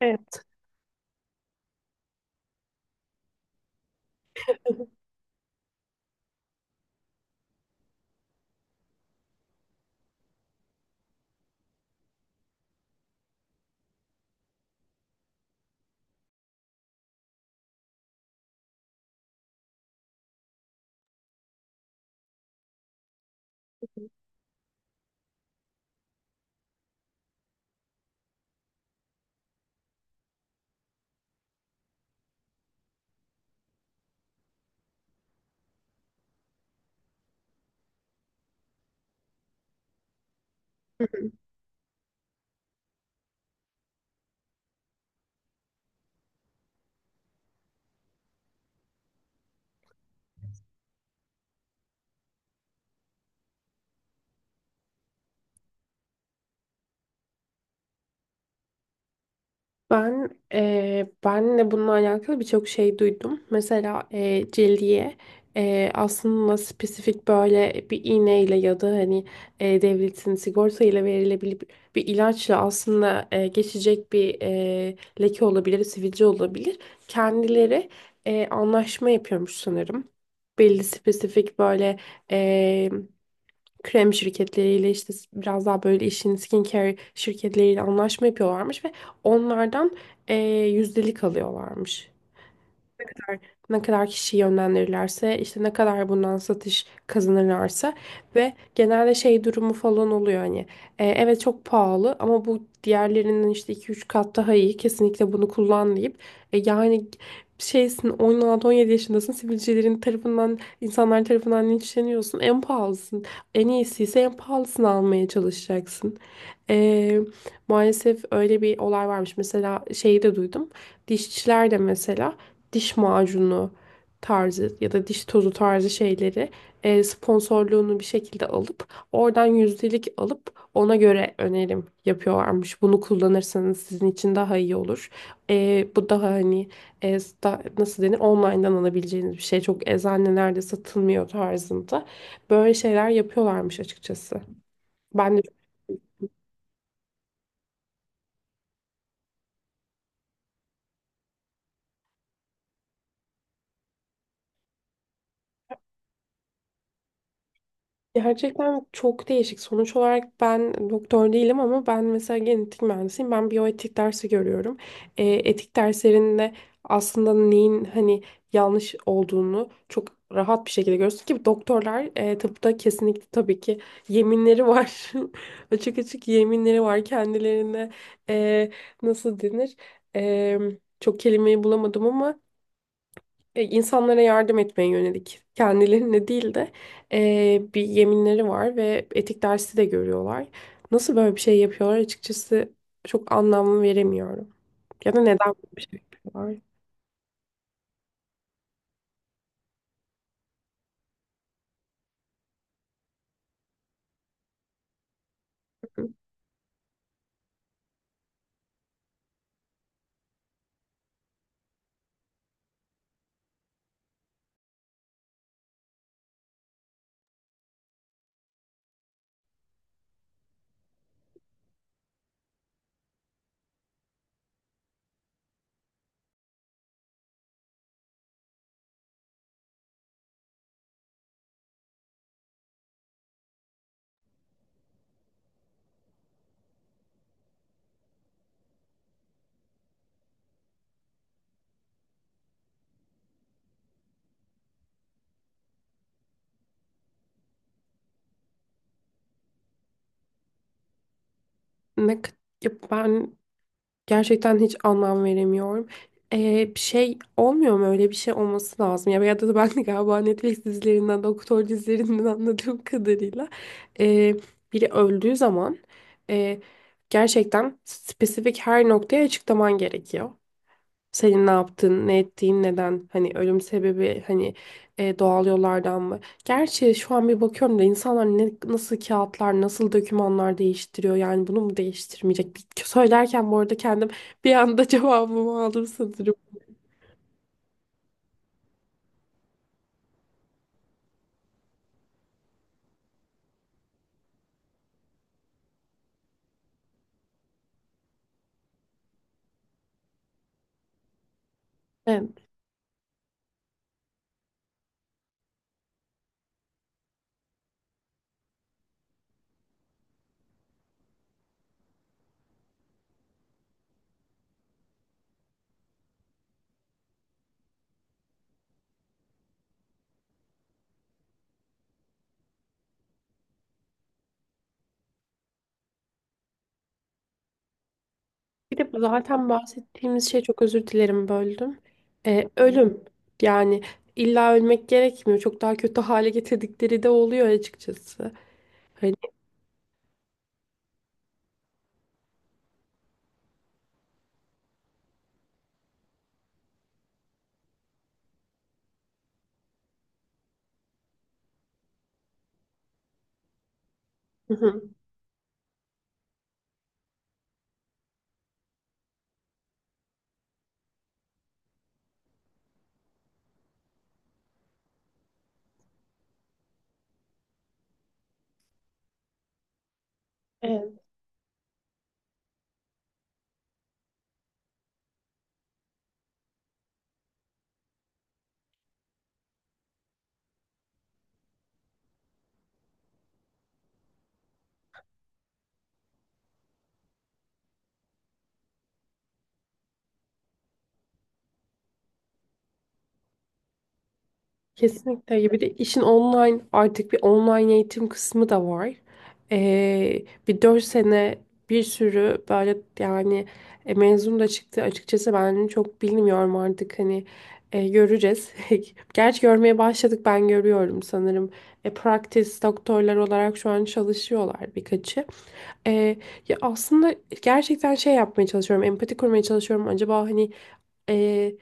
Evet. Ben de bununla alakalı birçok şey duydum. Mesela cildiye, aslında spesifik böyle bir iğneyle ya da hani, devletin sigorta ile verilebilir bir ilaçla aslında, geçecek bir leke olabilir, sivilce olabilir. Kendileri, anlaşma yapıyormuş sanırım. Belli spesifik böyle eee krem şirketleriyle işte biraz daha böyle işin skincare şirketleriyle anlaşma yapıyorlarmış ve onlardan yüzdelik alıyorlarmış kadar ne kadar kişiyi yönlendirirlerse, işte ne kadar bundan satış kazanırlarsa ve genelde şey durumu falan oluyor. Hani, evet çok pahalı ama bu diğerlerinden işte iki üç kat daha iyi, kesinlikle bunu kullan deyip, yani şeysin, 16-17 yaşındasın, sivilcelerin tarafından, insanlar tarafından linçleniyorsun, en pahalısın en iyisi ise en pahalısını almaya çalışacaksın. E, Maalesef öyle bir olay varmış. Mesela şeyi de duydum, dişçiler de mesela diş macunu tarzı ya da diş tozu tarzı şeyleri, sponsorluğunu bir şekilde alıp oradan yüzdelik alıp ona göre önerim yapıyorlarmış. Bunu kullanırsanız sizin için daha iyi olur. Bu daha hani, nasıl denir, online'dan alabileceğiniz bir şey. Çok eczanelerde satılmıyor tarzında. Böyle şeyler yapıyorlarmış açıkçası. Ben de Gerçekten çok değişik. Sonuç olarak ben doktor değilim ama ben mesela genetik mühendisiyim. Ben biyoetik dersi görüyorum. Etik derslerinde aslında neyin hani yanlış olduğunu çok rahat bir şekilde görüyorsun ki doktorlar, tıpta kesinlikle tabii ki yeminleri var. Açık açık yeminleri var kendilerine. E, Nasıl denir? E, Çok kelimeyi bulamadım ama, insanlara yardım etmeye yönelik, kendilerine değil de, bir yeminleri var ve etik dersi de görüyorlar. Nasıl böyle bir şey yapıyorlar açıkçası, çok anlam veremiyorum. Ya da neden böyle bir şey yapıyorlar? Ne, k- ya ben Gerçekten hiç anlam veremiyorum. Bir şey olmuyor mu? Öyle bir şey olması lazım. Ya ya da ben de galiba Netflix dizilerinden, doktor dizilerinden, anladığım kadarıyla, ee, biri öldüğü zaman, ee, gerçekten spesifik her noktaya açıklaman gerekiyor. Senin ne yaptın, ne ettiğin, neden? Hani ölüm sebebi, hani, doğal yollardan mı? Gerçi şu an bir bakıyorum da, insanlar ne, nasıl kağıtlar, nasıl dokümanlar değiştiriyor. Yani bunu mu değiştirmeyecek? Bir, söylerken bu arada kendim bir anda cevabımı aldım sanırım. Evet. Bir de bu zaten bahsettiğimiz şey, çok özür dilerim böldüm. Ölüm. Yani illa ölmek gerekmiyor, çok daha kötü hale getirdikleri de oluyor açıkçası. Hani. Hı hı. Kesinlikle. Ya, bir de işin online, artık bir online eğitim kısmı da var. Bir 4 sene bir sürü böyle, yani, mezun da çıktı. Açıkçası ben çok bilmiyorum artık, hani, göreceğiz. Gerçi görmeye başladık, ben görüyorum sanırım. Practice doktorlar olarak şu an çalışıyorlar birkaçı. Ee, Ya aslında gerçekten şey yapmaya çalışıyorum, empati kurmaya çalışıyorum. Acaba hani, e,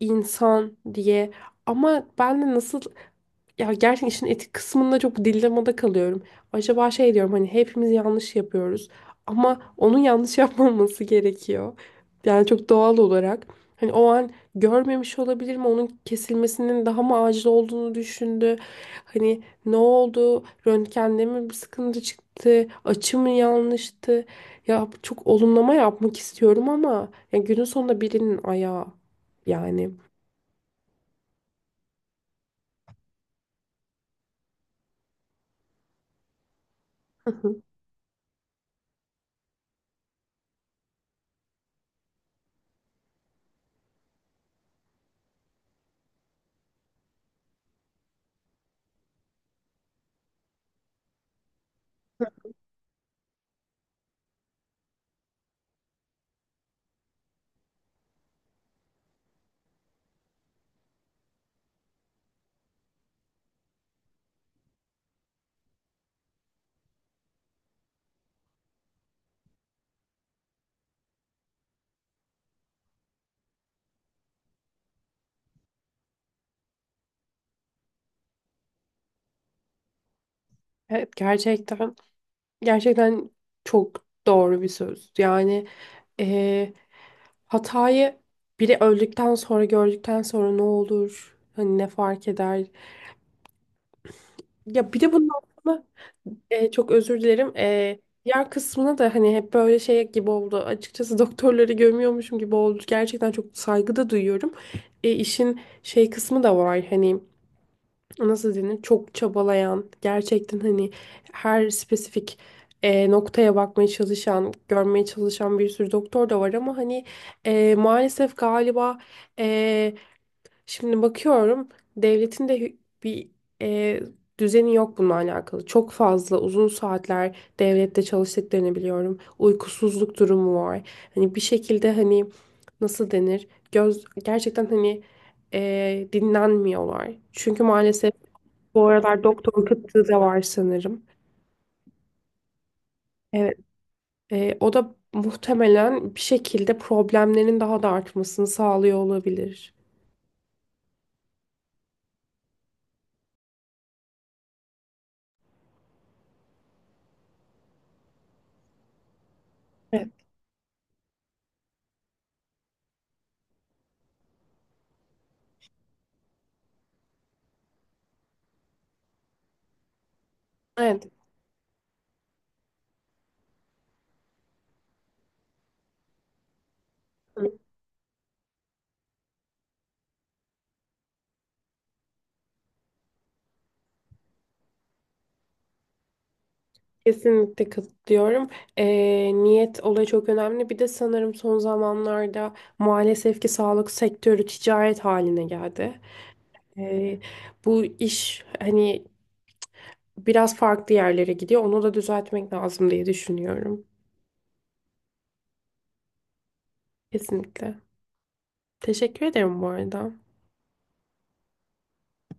insan diye, ama ben de nasıl, ya gerçekten işin etik kısmında çok dilemmada kalıyorum. Acaba şey diyorum hani hepimiz yanlış yapıyoruz ama onun yanlış yapmaması gerekiyor. Yani çok doğal olarak. Hani o an görmemiş olabilir mi? Onun kesilmesinin daha mı acil olduğunu düşündü. Hani ne oldu? Röntgende mi bir sıkıntı çıktı? Açı mı yanlıştı? Ya çok olumlama yapmak istiyorum ama ya günün sonunda birinin ayağı, yani. Hı hı. Evet gerçekten. Gerçekten çok doğru bir söz. Yani, eee, hatayı biri öldükten sonra, gördükten sonra ne olur? Hani ne fark eder? Ya bir de bunun aslında, çok özür dilerim. Diğer kısmına da hani hep böyle şey gibi oldu. Açıkçası doktorları gömüyormuşum gibi oldu. Gerçekten çok saygı da duyuyorum. İşin şey kısmı da var. Hani nasıl denir, çok çabalayan, gerçekten hani her spesifik, noktaya bakmaya çalışan, görmeye çalışan bir sürü doktor da var ama hani, maalesef galiba, e, şimdi bakıyorum devletin de bir, e, düzeni yok bununla alakalı. Çok fazla uzun saatler devlette çalıştıklarını biliyorum, uykusuzluk durumu var, hani bir şekilde hani nasıl denir, göz gerçekten hani, dinlenmiyorlar çünkü maalesef bu aralar doktor kıtlığı da var sanırım. Evet, o da muhtemelen bir şekilde problemlerin daha da artmasını sağlıyor olabilir. Evet, evet. Kesinlikle katılıyorum. E, Niyet olayı çok önemli. Bir de sanırım son zamanlarda maalesef ki sağlık sektörü ticaret haline geldi. E, Bu iş hani biraz farklı yerlere gidiyor. Onu da düzeltmek lazım diye düşünüyorum. Kesinlikle. Teşekkür ederim bu arada.